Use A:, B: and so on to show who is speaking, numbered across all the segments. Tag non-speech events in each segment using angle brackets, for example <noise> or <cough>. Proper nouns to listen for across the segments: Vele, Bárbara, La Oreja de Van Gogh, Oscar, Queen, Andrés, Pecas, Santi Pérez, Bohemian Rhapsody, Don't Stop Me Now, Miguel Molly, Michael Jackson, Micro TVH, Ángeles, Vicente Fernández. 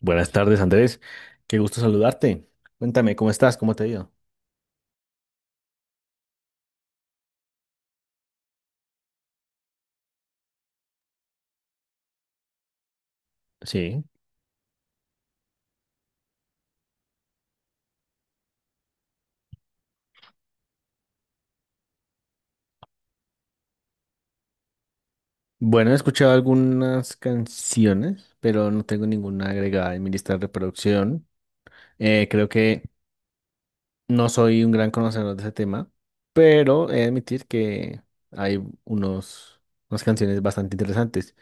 A: Buenas tardes, Andrés. Qué gusto saludarte. Cuéntame, ¿cómo estás? ¿Cómo te ha ido? Sí. Bueno, he escuchado algunas canciones, pero no tengo ninguna agregada en mi lista de reproducción. Creo que no soy un gran conocedor de ese tema, pero he de admitir que hay unos, unas canciones bastante interesantes.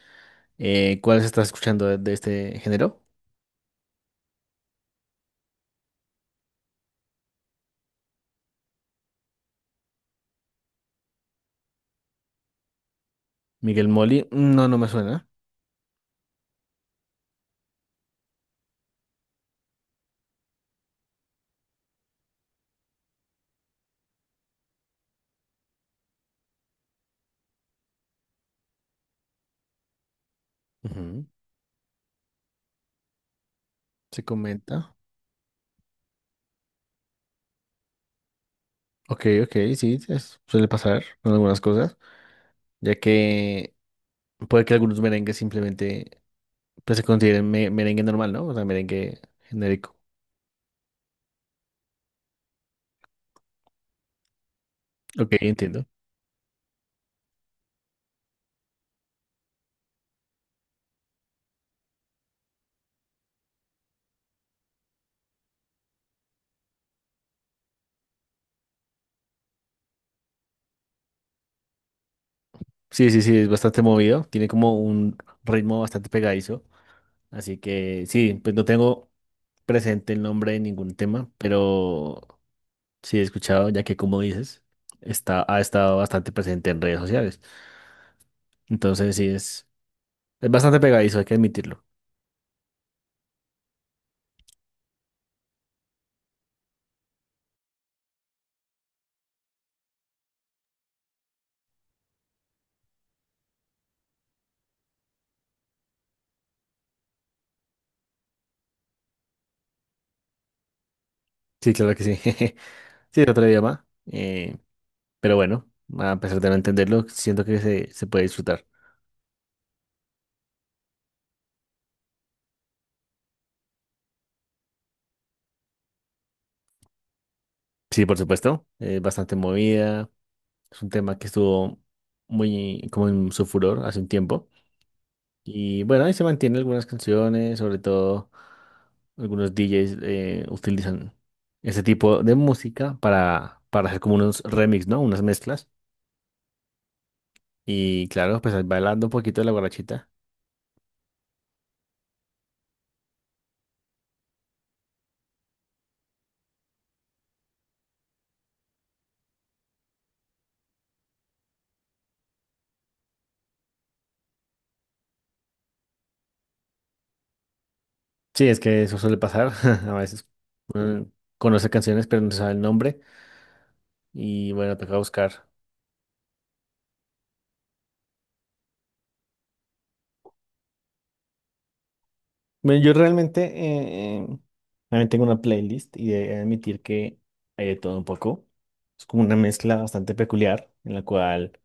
A: ¿Cuáles estás escuchando de este género? Miguel Molly. No, no me suena. Ujú. Se comenta. Ok, ok, sí, suele pasar con algunas cosas, ya que puede que algunos merengues simplemente, pues, se consideren merengue normal, ¿no? O sea, merengue genérico. Ok, entiendo. Sí, sí, sí, es bastante movido, tiene como un ritmo bastante pegadizo, así que sí, pues no tengo presente el nombre de ningún tema, pero sí he escuchado, ya que como dices, ha estado bastante presente en redes sociales. Entonces sí, es bastante pegadizo, hay que admitirlo. Sí, claro que sí. <laughs> Sí, es otro idioma. Pero bueno, a pesar de no entenderlo, siento que se puede disfrutar. Sí, por supuesto, es bastante movida. Es un tema que estuvo muy como en su furor hace un tiempo. Y bueno, ahí se mantienen algunas canciones, sobre todo algunos DJs utilizan ese tipo de música para hacer como unos remix, ¿no? Unas mezclas. Y claro, pues ahí bailando un poquito de la guarachita. Sí, es que eso suele pasar. <laughs> A veces uno conoce canciones, pero no sabe el nombre. Y bueno, toca buscar. Bueno, yo realmente también tengo una playlist y he de admitir que hay de todo un poco. Es como una mezcla bastante peculiar en la cual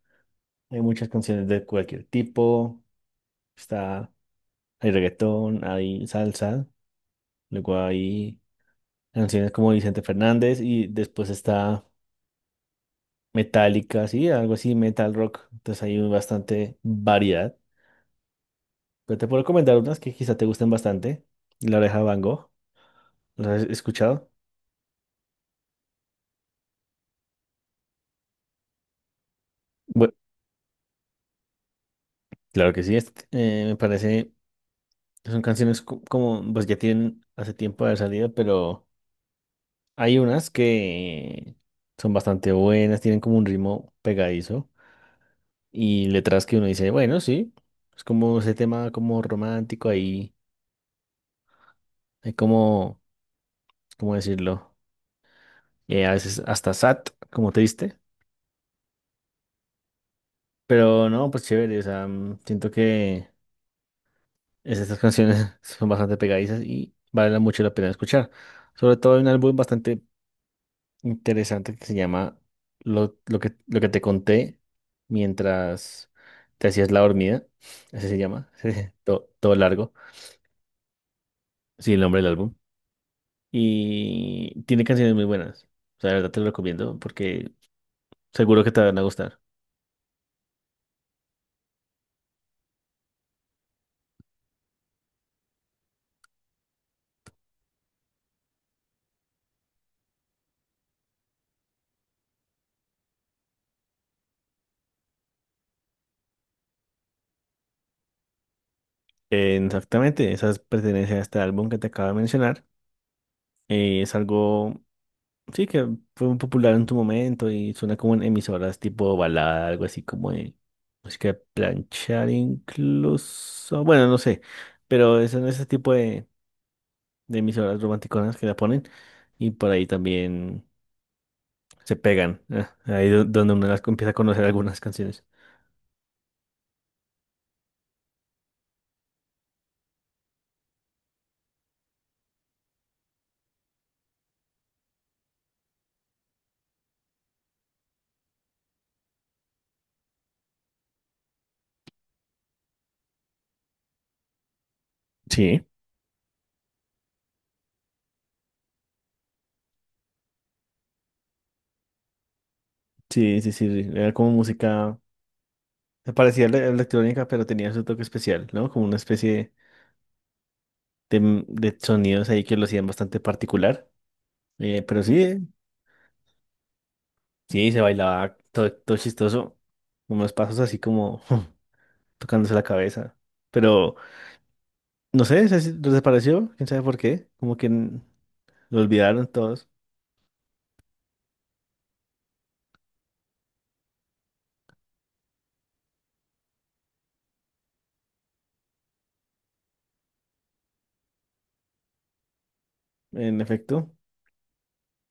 A: hay muchas canciones de cualquier tipo. Está, Hay reggaetón, hay salsa, luego hay canciones como Vicente Fernández y después está metálica, sí, algo así, metal rock. Entonces hay bastante variedad. Pero te puedo recomendar unas que quizá te gusten bastante. La Oreja de Van Gogh, ¿las has escuchado? Claro que sí, me parece, son canciones como, pues ya tienen hace tiempo de salida, pero hay unas que son bastante buenas, tienen como un ritmo pegadizo y letras que uno dice, bueno, sí, es como ese tema como romántico ahí, hay como, ¿cómo decirlo? A veces hasta sad, como triste, pero no, pues chévere, o sea, mm, siento que estas canciones <laughs> son bastante pegadizas y vale mucho la pena escuchar. Sobre todo hay un álbum bastante interesante que se llama lo que te conté mientras te hacías la dormida. <laughs> Así se llama. <laughs> Todo largo. Sí, el nombre del álbum. Y tiene canciones muy buenas. O sea, de verdad te lo recomiendo porque seguro que te van a gustar. Exactamente, esas pertenecen a este álbum que te acabo de mencionar. Es algo, sí, que fue muy popular en tu momento y suena como en emisoras tipo balada, algo así como de música de planchar incluso. Bueno, no sé, pero es en ese tipo de emisoras romanticonas que la ponen y por ahí también se pegan. Ahí donde uno las empieza a conocer algunas canciones. Sí, sí. Era como música, se parecía a electrónica, pero tenía su toque especial, ¿no? Como una especie de sonidos ahí que lo hacían bastante particular. Pero sí, sí, se bailaba todo chistoso, unos pasos así como <laughs> tocándose la cabeza. Pero no sé, se desapareció, quién sabe por qué, como que lo olvidaron todos, en efecto.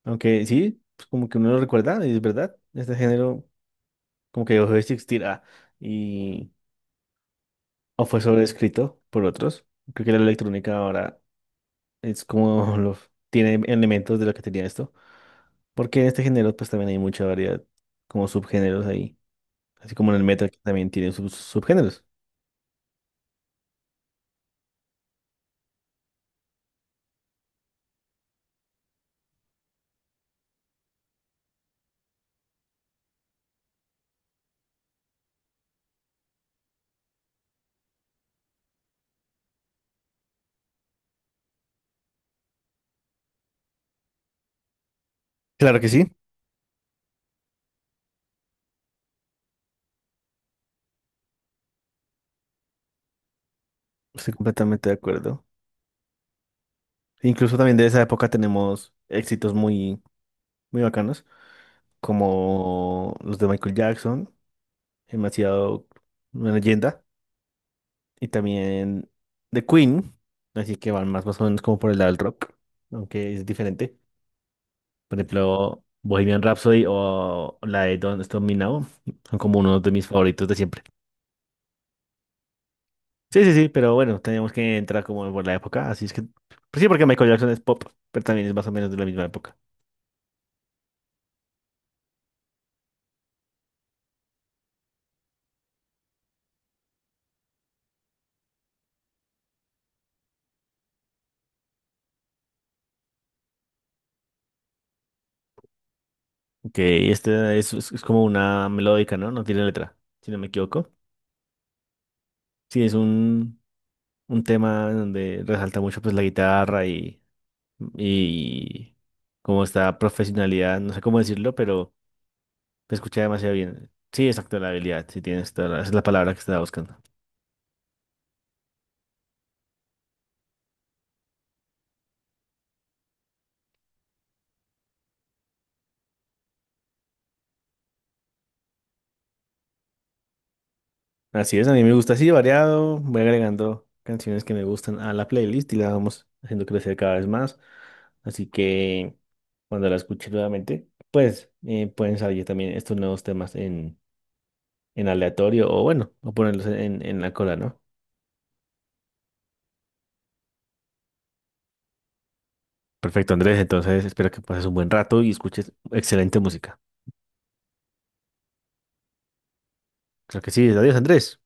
A: Aunque sí, pues como que uno lo recuerda, y es verdad, este género como que dejó de existir, ah, y o fue sobreescrito por otros. Creo que la electrónica ahora es como <laughs> lo tiene elementos de lo que tenía esto, porque en este género pues también hay mucha variedad, como subgéneros ahí. Así como en el metal que también tiene sus subgéneros. Claro que sí. Estoy completamente de acuerdo. Incluso también de esa época tenemos éxitos muy bacanos, como los de Michael Jackson, demasiado una leyenda, y también de Queen, así que van más o menos como por el lado del rock, aunque es diferente. Por ejemplo, Bohemian Rhapsody o la de Don't Stop Me Now son como uno de mis favoritos de siempre. Sí, sí, sí, pero bueno, teníamos que entrar como por la época, así es que pues sí, porque Michael Jackson es pop, pero también es más o menos de la misma época. Ok, es como una melódica, ¿no? No tiene letra, si no me equivoco. Sí, es un tema en donde resalta mucho pues la guitarra y como esta profesionalidad, no sé cómo decirlo, pero te escucha demasiado bien. Sí, exacto, la habilidad, sí tienes toda esa es la palabra que estaba buscando. Así es, a mí me gusta así, variado. Voy agregando canciones que me gustan a la playlist y la vamos haciendo crecer cada vez más. Así que cuando la escuche nuevamente, pues pueden salir también estos nuevos temas en aleatorio o bueno, o ponerlos en la cola, ¿no? Perfecto, Andrés. Entonces espero que pases un buen rato y escuches excelente música. Creo que sí. Adiós, Andrés.